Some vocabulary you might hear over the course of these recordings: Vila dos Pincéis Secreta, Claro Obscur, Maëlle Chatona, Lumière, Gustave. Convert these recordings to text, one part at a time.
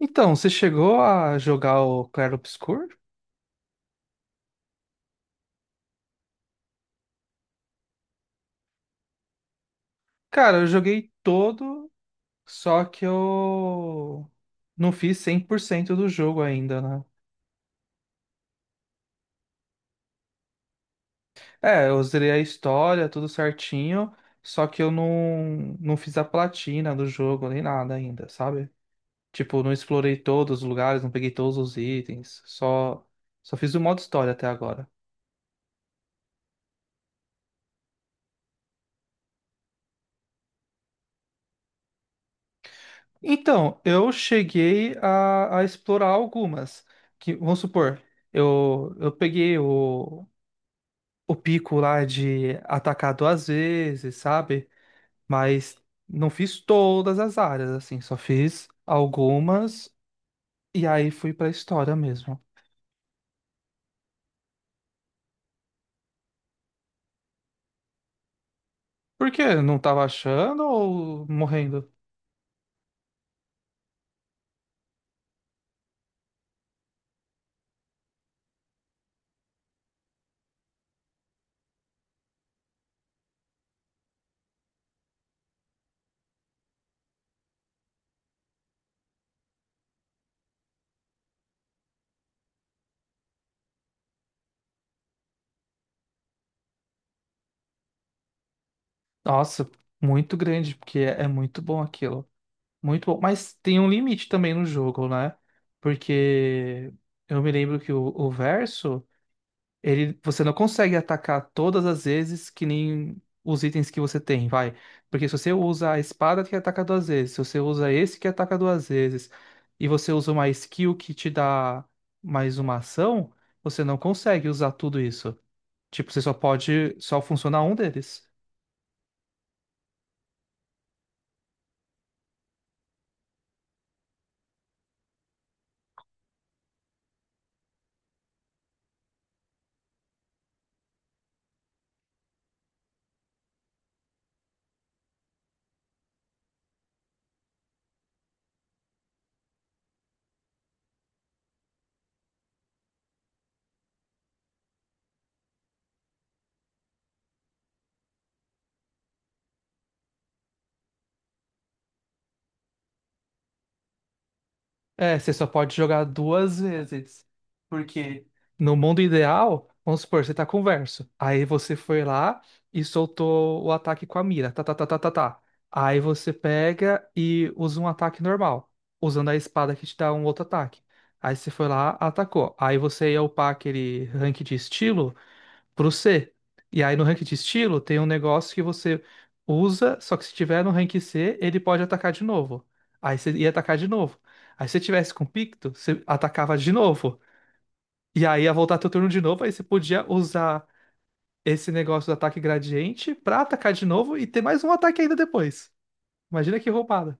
Então, você chegou a jogar o Claro Obscur? Cara, eu joguei todo, só que eu não fiz 100% do jogo ainda, né? É, eu zerei a história, tudo certinho, só que eu não fiz a platina do jogo nem nada ainda, sabe? Tipo, não explorei todos os lugares, não peguei todos os itens, só fiz o modo história até agora. Então, eu cheguei a explorar algumas. Que, vamos supor, eu peguei o pico lá de atacar duas vezes, sabe? Mas não fiz todas as áreas, assim, só fiz algumas e aí fui pra história mesmo. Por quê? Não tava achando ou morrendo? Nossa, muito grande, porque é muito bom aquilo. Muito bom, mas tem um limite também no jogo, né? Porque eu me lembro que o verso, ele, você não consegue atacar todas as vezes que nem os itens que você tem, vai. Porque se você usa a espada que ataca duas vezes, se você usa esse que ataca duas vezes, e você usa uma skill que te dá mais uma ação, você não consegue usar tudo isso. Tipo, você só pode, só funciona um deles. É, você só pode jogar duas vezes. Porque no mundo ideal, vamos supor, você tá com o verso. Aí você foi lá e soltou o ataque com a mira. Tá, tá, tá, tá, tá, tá. Aí você pega e usa um ataque normal, usando a espada que te dá um outro ataque. Aí você foi lá, atacou. Aí você ia upar aquele rank de estilo pro C. E aí no rank de estilo tem um negócio que você usa, só que se tiver no rank C, ele pode atacar de novo. Aí você ia atacar de novo. Aí se você tivesse com Picto, você atacava de novo. E aí ia voltar teu turno de novo, aí você podia usar esse negócio do ataque gradiente pra atacar de novo e ter mais um ataque ainda depois. Imagina que roubada.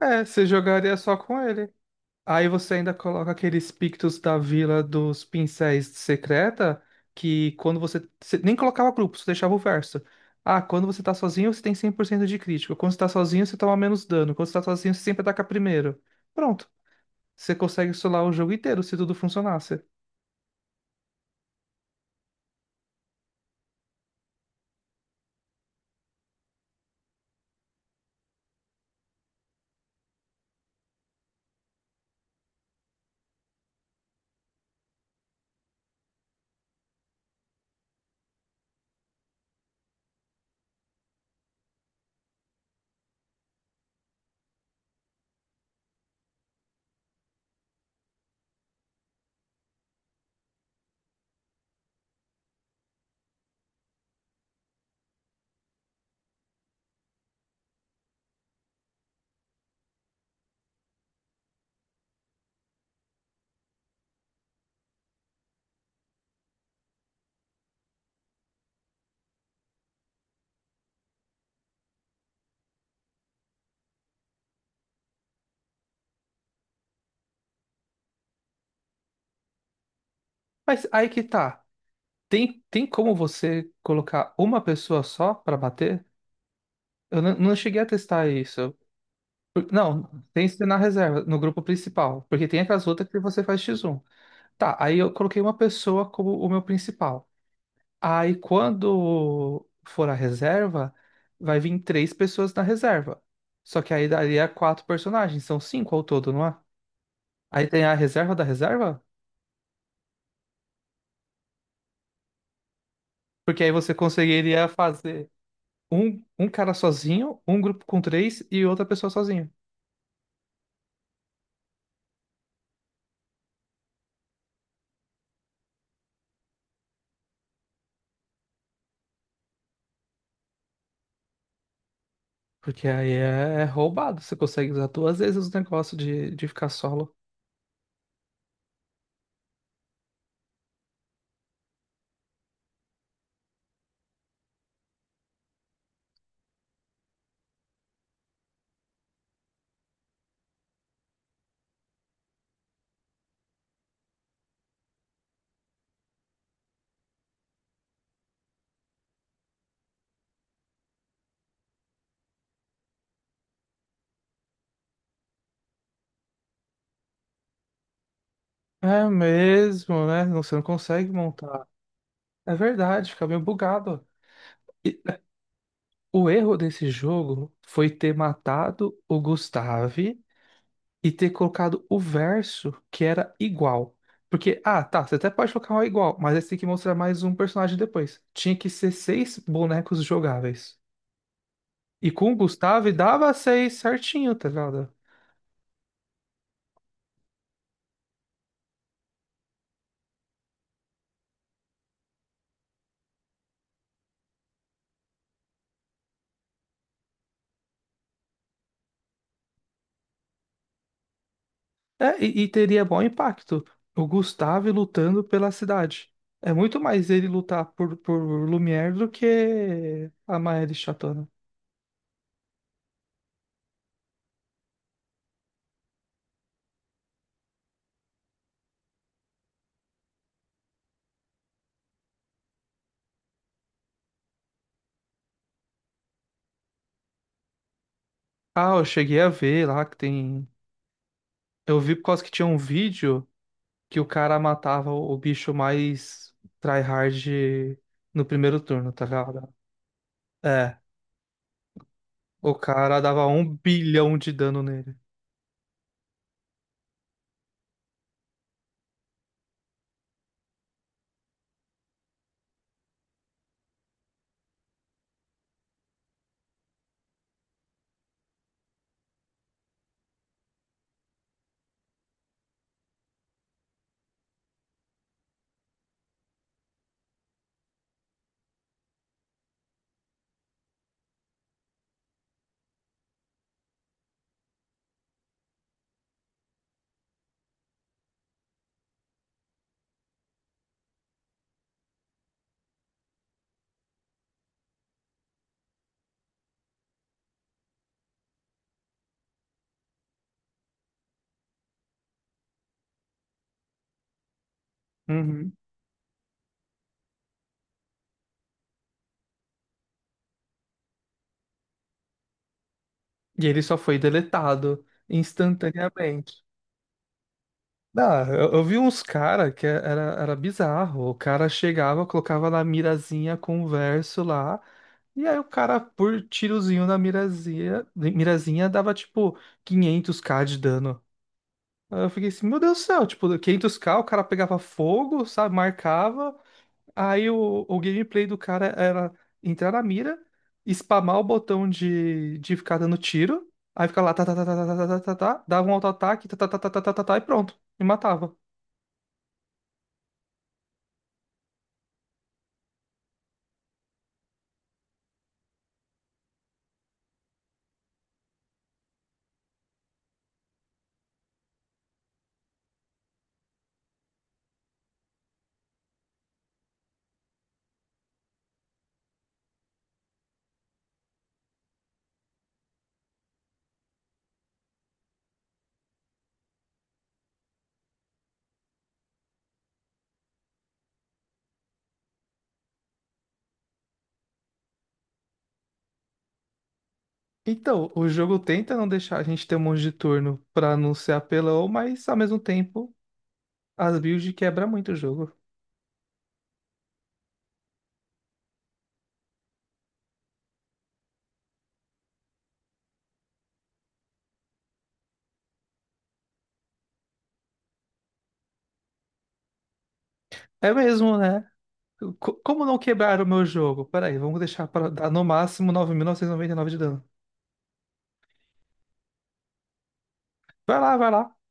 É, você jogaria só com ele. Aí você ainda coloca aqueles pictos da Vila dos Pincéis Secreta, que quando você, você nem colocava grupo, você deixava o verso. Ah, quando você tá sozinho, você tem 100% de crítica. Quando você tá sozinho, você toma menos dano. Quando você tá sozinho, você sempre ataca primeiro. Pronto. Você consegue solar o jogo inteiro se tudo funcionasse. Mas aí que tá. Tem como você colocar uma pessoa só pra bater? Eu não cheguei a testar isso. Não, tem que ser na reserva, no grupo principal. Porque tem aquelas outras que você faz x um. Tá, aí eu coloquei uma pessoa como o meu principal. Aí quando for a reserva, vai vir três pessoas na reserva. Só que aí daria quatro personagens, são cinco ao todo, não é? Aí tem a reserva da reserva? Porque aí você conseguiria fazer um cara sozinho, um grupo com três e outra pessoa sozinho. Porque aí é roubado, você consegue usar duas vezes o negócio de ficar solo. É mesmo, né? Não, você não consegue montar. É verdade, fica meio bugado. O erro desse jogo foi ter matado o Gustave e ter colocado o verso que era igual. Porque, ah, tá, você até pode colocar um igual, mas aí você tem que mostrar mais um personagem depois. Tinha que ser seis bonecos jogáveis. E com o Gustave dava seis certinho, tá ligado? É, e teria bom impacto. O Gustave lutando pela cidade. É muito mais ele lutar por Lumière do que a Maëlle Chatona. Ah, eu cheguei a ver lá que tem. Eu vi por causa que tinha um vídeo que o cara matava o bicho mais tryhard no primeiro turno, tá ligado? É, o cara dava 1 bilhão de dano nele. Uhum. E ele só foi deletado instantaneamente. Ah, eu vi uns cara que era bizarro. O cara chegava, colocava na mirazinha com o verso lá, e aí o cara, por tirozinho na mirazinha, mirazinha dava tipo 500k de dano. Aí eu fiquei assim, meu Deus do céu, tipo, 500k, o cara pegava fogo, sabe, marcava, aí o gameplay do cara era entrar na mira, spamar o botão de ficar dando tiro, aí ficar lá, tá, tá, tá, tá, tá, tá, tá, tá, tá, dava um auto-ataque, tá, tá, tá, tá, tá, tá, tá, tá, e pronto, e matava. Então, o jogo tenta não deixar a gente ter um monte de turno pra não ser apelão, mas ao mesmo tempo, as builds quebra muito o jogo. É mesmo, né? Como não quebrar o meu jogo? Peraí, vamos deixar para dar no máximo nove mil novecentos e noventa e nove de dano. Vai lá, vai lá.